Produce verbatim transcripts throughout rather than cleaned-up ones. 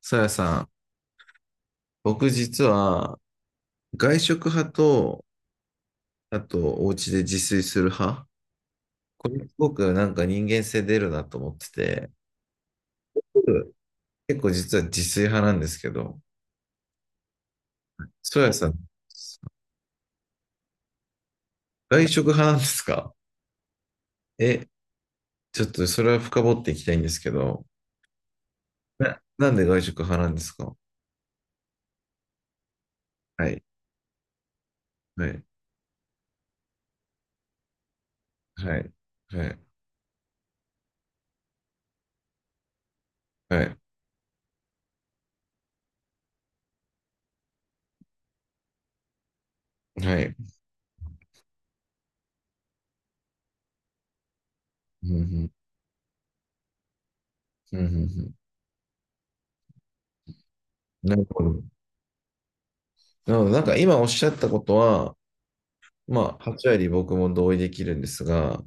さやさん、僕実は外食派と、あとお家で自炊する派、これすごくなんか人間性出るなと思ってて、僕結構実は自炊派なんですけど、そやさん、外食派なんですか？え、ちょっとそれは深掘っていきたいんですけど、な、なんで外食派なんですか？はい、はい、はい、はい、はい、はい。うんうんうんうんうん。なるほど。なので、なんか今おっしゃったことは、まあ、はちわり割僕も同意できるんですが、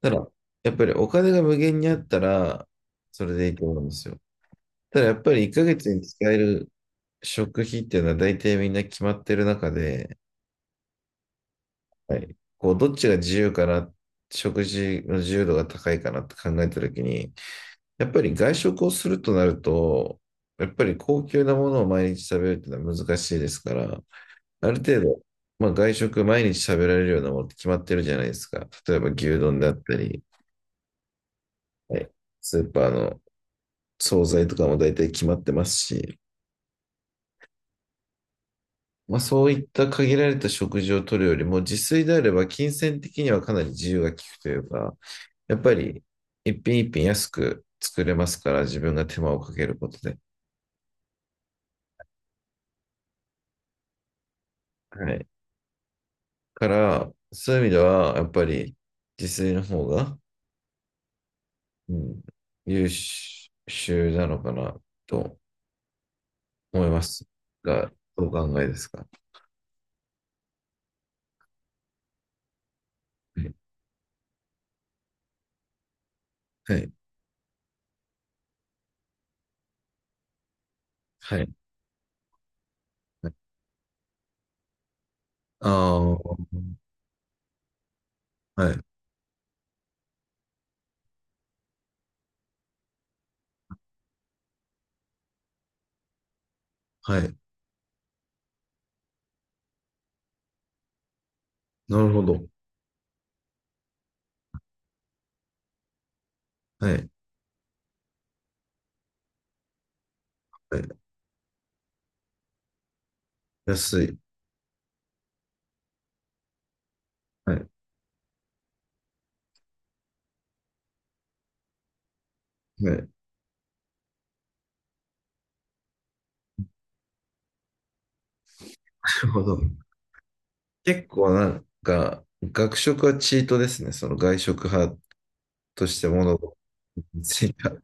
ただ、やっぱりお金が無限にあったら、それでいいと思うんですよ。ただ、やっぱりいっかげつに使える食費っていうのは大体みんな決まってる中で、はい、こう、どっちが自由かな、食事の自由度が高いかなって考えたときに、やっぱり外食をするとなると、やっぱり高級なものを毎日食べるっていうのは難しいですから、ある程度、まあ、外食毎日食べられるようなものって決まってるじゃないですか。例えば牛丼であったり、はい、スーパーの惣菜とかも大体決まってますし、まあ、そういった限られた食事をとるよりも、自炊であれば金銭的にはかなり自由が利くというか、やっぱり一品一品安く作れますから、自分が手間をかけることで。はい。から、そういう意味では、やっぱり自炊の方が、うん、優秀なのかなと思いますが、どうお考えですか？はい。はい。はい。ああ、はい。はい。なるほど。はい。はい。安い。はい。はい。なるほど。結構なんか、学食はチートですね。その外食派として物をついた。はい。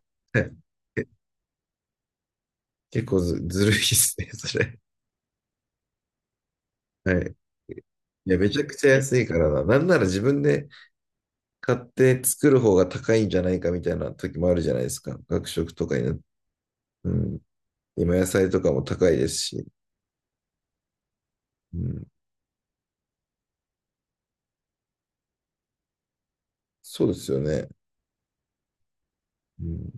結構ず、ずるいですね、それ。はい。いや、めちゃくちゃ安いからな。なんなら自分で買って作る方が高いんじゃないかみたいな時もあるじゃないですか。学食とかにな。うん。今野菜とかも高いですし。うん。そうですよね。うん。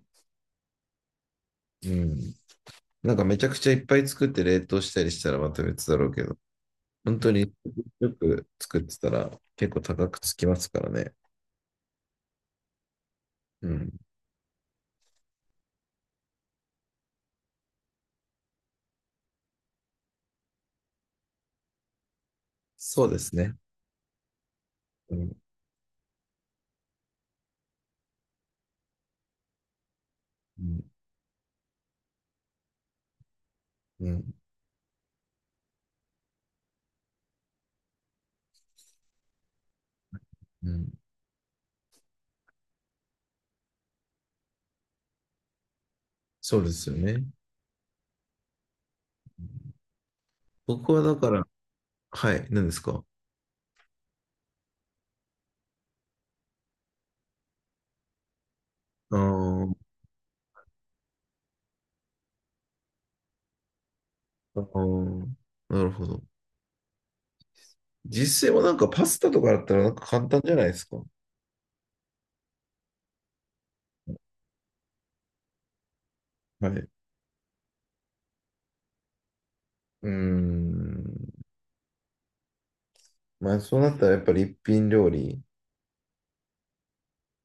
うん。なんかめちゃくちゃいっぱい作って冷凍したりしたらまた別だろうけど、本当によく作ってたら結構高くつきますからね。うん。そうですね。うん。うん。うん。うん、そうですよね。僕はだから、はい、何ですか？あーあー、なるほど。実際はなんかパスタとかだったらなんか簡単じゃないですか。はい。うーん。まあそうなったらやっぱり一品料理。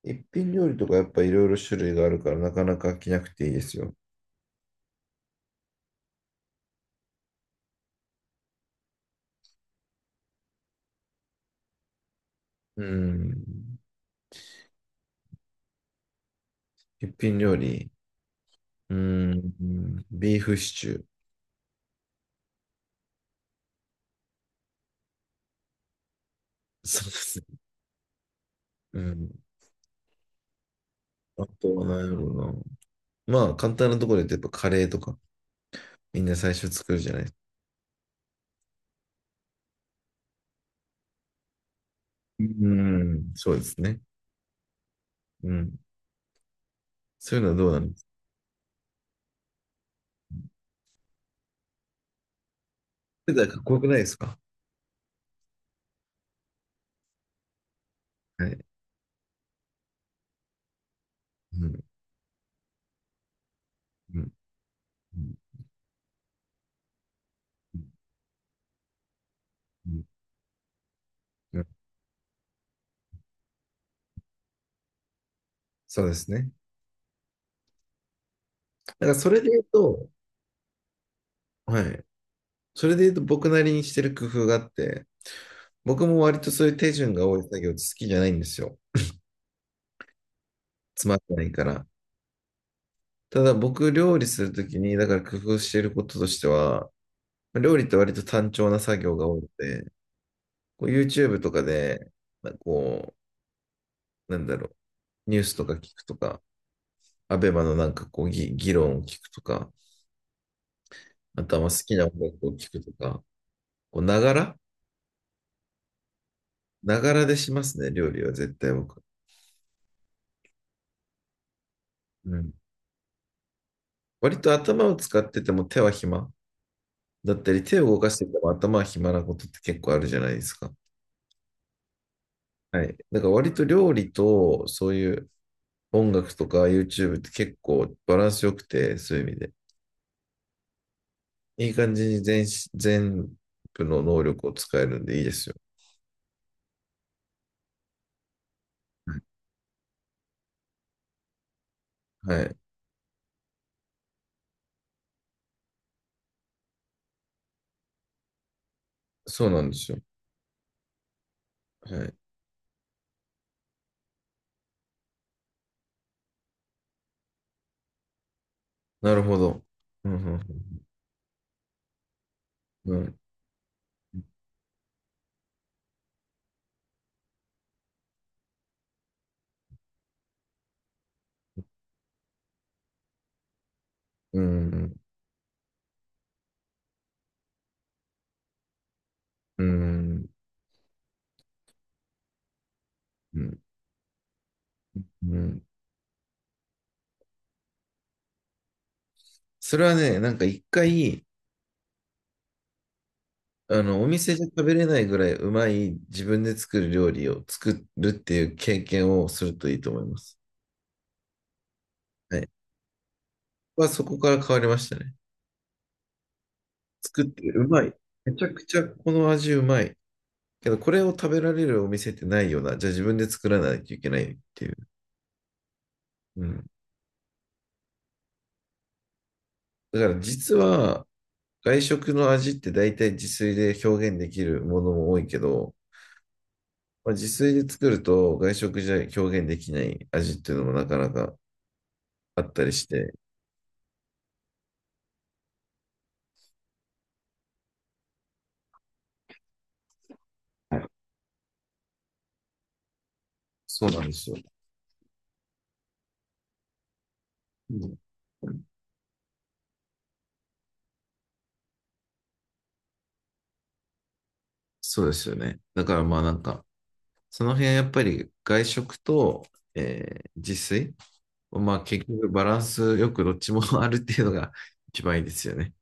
一品料理とかやっぱいろいろ種類があるからなかなか飽きなくていいですよ。うん。一品料理。うん。うんビーフシチュー。そうですね。うん。あとは何やろうな。まあ、簡単なところで言うとやっぱカレーとか、みんな最初作るじゃないですか。うん。そうですね。うん。そういうのはどうなんですか？世代かっこよくないですか？はい。うん。うん。うんうんうん、そうですね。だからそれで言うと、はい。それで言うと僕なりにしてる工夫があって、僕も割とそういう手順が多い作業って好きじゃないんですよ。つまらないから。ただ僕料理するときに、だから工夫していることとしては、料理って割と単調な作業が多くて、こう YouTube とかで、まあこう、なんだろう、ニュースとか聞くとか、アベマのなんかこう議、議論を聞くとか、あとはまあ好きな音楽を聞くとか、こう、ながらながらでしますね、料理は絶対僕。うん。割と頭を使ってても手は暇だったり、手を動かしてても頭は暇なことって結構あるじゃないですか。はい。だから割と料理と、そういう、音楽とか YouTube って結構バランス良くて、そういう意味で。いい感じに全し、全部の能力を使えるんでいいですよ。はい。そうなんですよ。はい。なるほど。うん、うん、うん、うん、うん、うん。それはね、なんか一回、あの、お店じゃ食べれないぐらいうまい自分で作る料理を作るっていう経験をするといいと思います。はい。はそこから変わりましたね。作ってうまい。めちゃくちゃこの味うまい。けど、これを食べられるお店ってないような。じゃあ自分で作らないといけないっていう。うん。だから実は、外食の味って大体自炊で表現できるものも多いけど、まあ、自炊で作ると外食じゃ表現できない味っていうのもなかなかあったりして、はい、そうなんですよ。うん、そうですよね。だからまあなんか、その辺はやっぱり外食と、えー自炊、まあ結局バランスよくどっちもあるっていうのが一番いいですよね。